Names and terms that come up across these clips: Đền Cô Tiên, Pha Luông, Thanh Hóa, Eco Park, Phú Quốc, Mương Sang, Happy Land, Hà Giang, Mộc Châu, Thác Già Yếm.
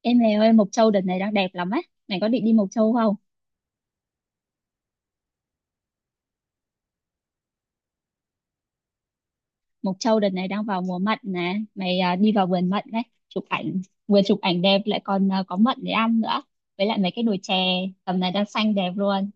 Em này ơi, Mộc Châu đợt này đang đẹp lắm ấy. Mày có định đi Mộc Châu không? Mộc Châu đợt này đang vào mùa mận nè. Mày à, đi vào vườn mận đấy. Chụp ảnh, vừa chụp ảnh đẹp lại còn có mận để ăn nữa. Với lại mấy cái đồi chè tầm này đang xanh đẹp luôn.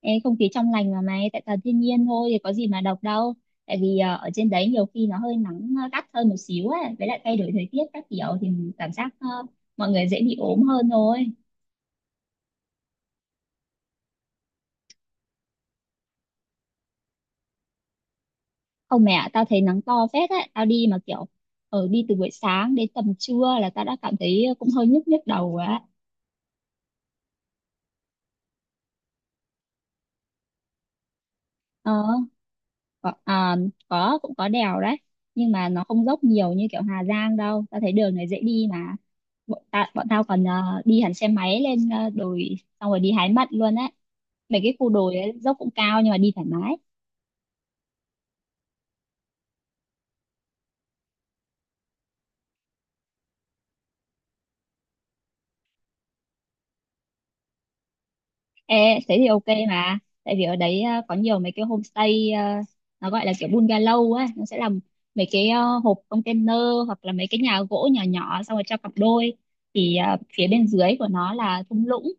Ê, không khí trong lành mà mày, tại toàn thiên nhiên thôi thì có gì mà độc đâu. Tại vì ở trên đấy nhiều khi nó hơi nắng gắt hơn một xíu ấy. Với lại thay đổi thời tiết các kiểu thì mình cảm giác mọi người dễ bị ốm hơn thôi. Không mẹ ạ, tao thấy nắng to phết á, tao đi mà kiểu ở đi từ buổi sáng đến tầm trưa là tao đã cảm thấy cũng hơi nhức nhức đầu rồi á. Ờ, có, có cũng có đèo đấy, nhưng mà nó không dốc nhiều như kiểu Hà Giang đâu. Tao thấy đường này dễ đi mà. Bọn tao còn đi hẳn xe máy lên đồi xong rồi đi hái mận luôn á. Mấy cái khu đồi ấy, dốc cũng cao nhưng mà đi thoải mái. Ê, thế thì ok mà tại vì ở đấy có nhiều mấy cái homestay nó gọi là kiểu bungalow ấy, nó sẽ làm mấy cái hộp container hoặc là mấy cái nhà gỗ nhỏ nhỏ xong rồi cho cặp đôi, thì phía bên dưới của nó là thung lũng,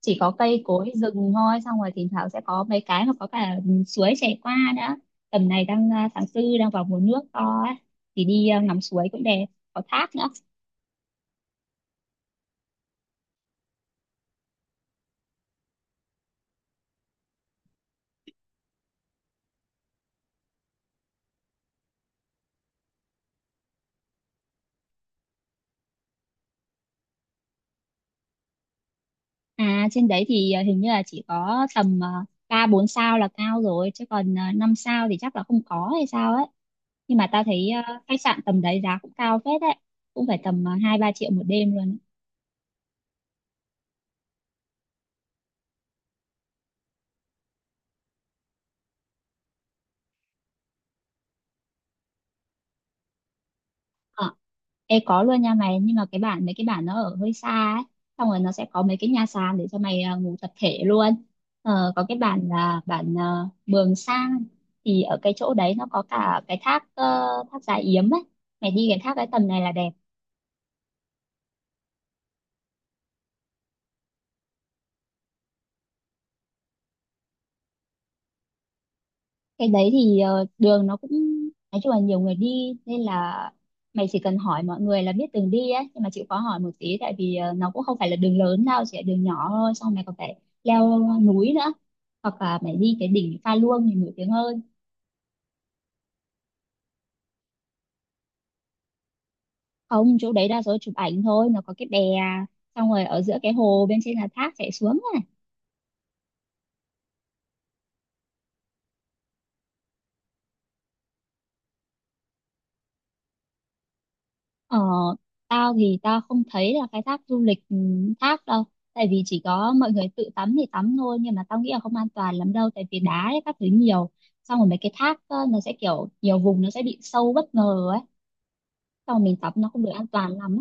chỉ có cây cối rừng thôi, xong rồi thỉnh thoảng sẽ có mấy cái mà có cả suối chảy qua nữa. Tầm này đang tháng 4, đang vào mùa nước to ấy, thì đi ngắm suối cũng đẹp, có thác nữa. À, trên đấy thì hình như là chỉ có tầm 3 4 sao là cao rồi, chứ còn 5 sao thì chắc là không có hay sao ấy. Nhưng mà tao thấy khách sạn tầm đấy giá cũng cao phết đấy, cũng phải tầm 2 3 triệu một đêm luôn ấy. Ờ, Ê, có luôn nha mày, nhưng mà cái bản mấy cái bản nó ở hơi xa ấy, xong rồi nó sẽ có mấy cái nhà sàn để cho mày ngủ tập thể luôn. Ờ, có cái bản là bản Mường Sang, thì ở cái chỗ đấy nó có cả cái thác thác Già Yếm ấy. Mày đi cái thác cái tầm này là đẹp. Cái đấy thì đường nó cũng, nói chung là nhiều người đi nên là mày chỉ cần hỏi mọi người là biết đường đi ấy, nhưng mà chịu khó hỏi một tí, tại vì nó cũng không phải là đường lớn đâu, chỉ là đường nhỏ thôi, xong mày còn phải leo núi nữa, hoặc là mày đi cái đỉnh Pha Luông thì nổi tiếng hơn. Không, chỗ đấy đa số chụp ảnh thôi, nó có cái bè xong rồi ở giữa cái hồ, bên trên là thác chảy xuống. Ờ, tao thì tao không thấy là cái thác du lịch thác đâu, tại vì chỉ có mọi người tự tắm thì tắm thôi, nhưng mà tao nghĩ là không an toàn lắm đâu, tại vì đá ấy, các thứ nhiều, xong rồi mấy cái thác nó sẽ kiểu nhiều vùng nó sẽ bị sâu bất ngờ ấy, xong rồi mình tắm nó không được an toàn lắm.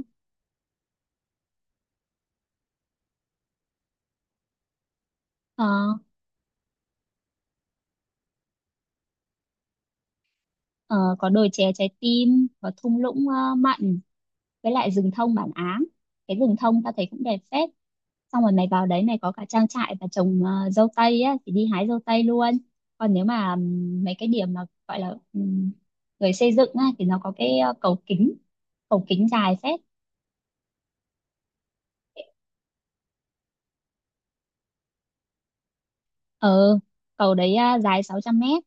Ờ, ờ, có đồi chè trái tim, có thung lũng mặn, với lại rừng thông bản Áng. Cái rừng thông ta thấy cũng đẹp phết, xong rồi mày vào đấy mày có cả trang trại và trồng dâu tây á thì đi hái dâu tây luôn. Còn nếu mà mấy cái điểm mà gọi là người xây dựng á thì nó có cái cầu kính, cầu kính dài phết. ờ Cầu đấy dài 600 mét.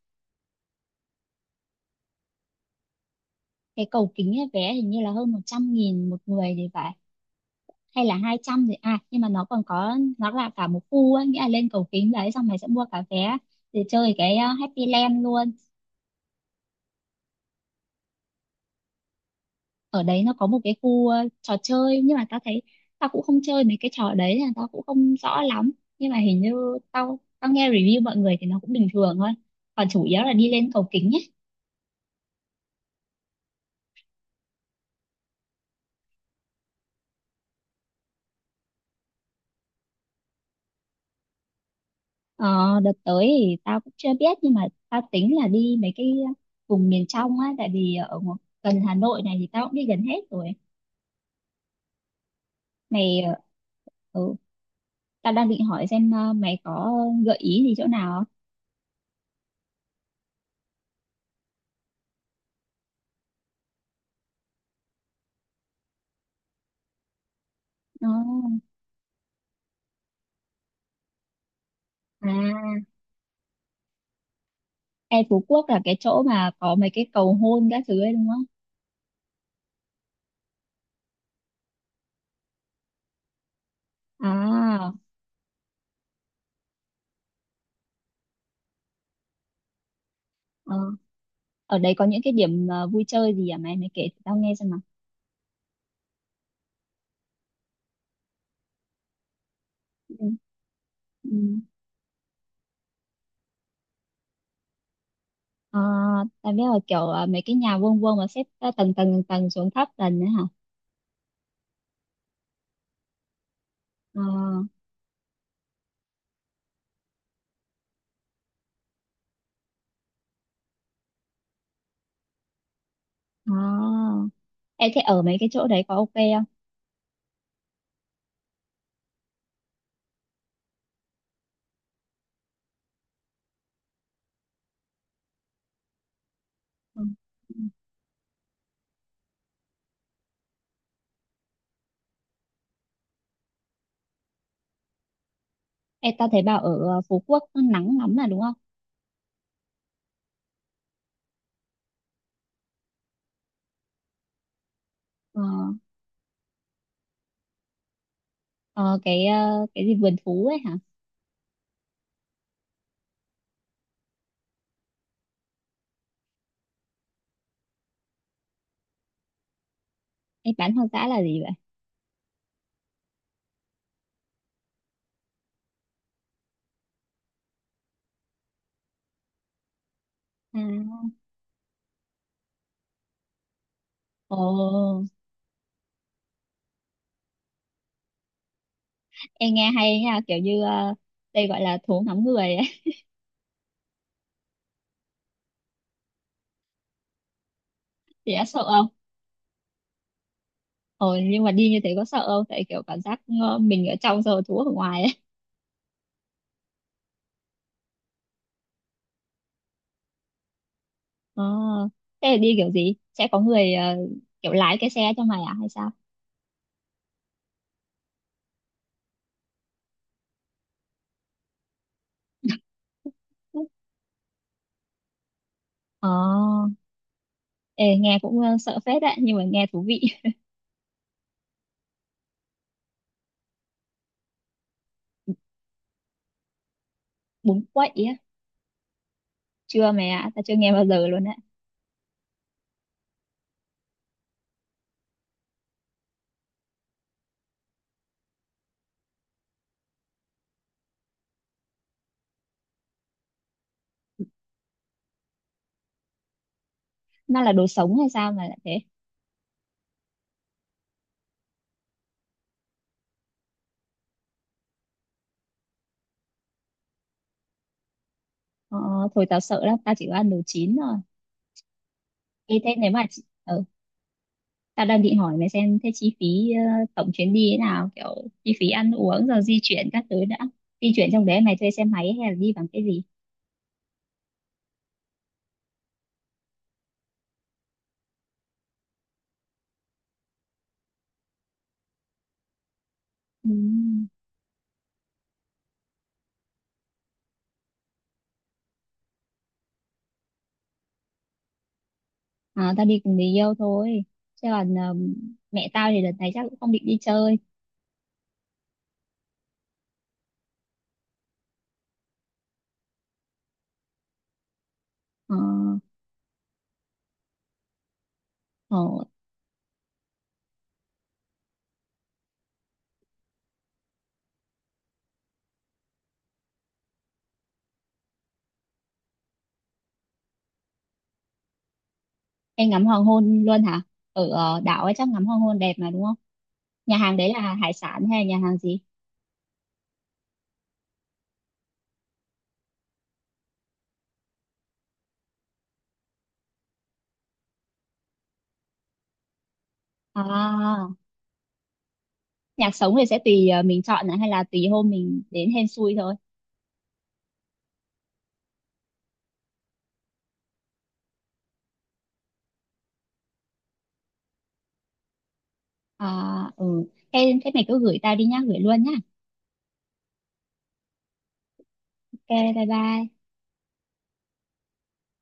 Cái cầu kính ấy, vé hình như là hơn 100 nghìn một người thì phải, hay là 200 thì nhưng mà nó còn có, nó là cả một khu á, nghĩa là lên cầu kính đấy xong mày sẽ mua cả vé để chơi cái Happy Land luôn. Ở đấy nó có một cái khu trò chơi, nhưng mà tao thấy tao cũng không chơi mấy cái trò đấy nên là tao cũng không rõ lắm, nhưng mà hình như tao tao nghe review mọi người thì nó cũng bình thường thôi, còn chủ yếu là đi lên cầu kính ấy. ờ, Đợt tới thì tao cũng chưa biết, nhưng mà tao tính là đi mấy cái vùng miền trong á, tại vì ở gần Hà Nội này thì tao cũng đi gần hết rồi. Mày ừ, tao đang định hỏi xem mày có gợi ý gì chỗ nào không? Ờ, à. Ê, Phú Quốc là cái chỗ mà có mấy cái cầu hôn các thứ ấy đúng không? À, ờ. Ở đấy có những cái điểm vui chơi gì à mày? Mày kể tao nghe xem nào. Ừ. Ừ. Ờ, tao biết là kiểu mấy cái nhà vuông vuông mà xếp tầng tầng tầng tầng xuống thấp tầng đấy hả? Ờ, à. Ê, thế ở mấy cái chỗ đấy có ok không? Ừ. Ừ. Ê, tao thấy bảo ở Phú Quốc nó nắng lắm là đúng không? Ờ, ờ, cái cái gì vườn thú ấy hả? Ê, bán hoang dã là gì vậy? À, ồ, em nghe hay nha, kiểu như đây gọi là thú ngắm người ấy. Thì đã sợ không? Ồ, nhưng mà đi như thế có sợ không, tại kiểu cảm giác mình ở trong rồi thú ở ngoài ấy. Ờ, thế là đi kiểu gì sẽ có người kiểu lái cái xe cho mày à hay sao? Ờ, ê, nghe cũng sợ phết đấy nhưng mà nghe thú vị. Bún quậy á? Chưa mày ạ, tao chưa nghe bao giờ luôn đấy. Nó là đồ sống hay sao mà lại thế? Ờ, thôi tao sợ lắm, tao chỉ có ăn đồ chín thôi. Ê, thế nếu mà chị- ừ, Tao đang định hỏi mày xem thế chi phí tổng chuyến đi thế nào, kiểu chi phí ăn uống rồi di chuyển các thứ đã. Di chuyển trong đấy mày thuê xe máy hay là đi bằng cái gì? Ừ. À, tao đi cùng người yêu thôi. Chứ còn mẹ tao thì đợt này chắc cũng không định đi chơi. Ờ, ờ, em ngắm hoàng hôn luôn hả? Ở đảo ấy chắc ngắm hoàng hôn đẹp mà đúng không? Nhà hàng đấy là hải sản hay nhà hàng gì? À, nhạc sống thì sẽ tùy mình chọn này hay là tùy hôm mình đến hên xui thôi. À, ừ. Thế, mày cứ gửi tao đi nhá, gửi luôn nhá. Ok, bye bye.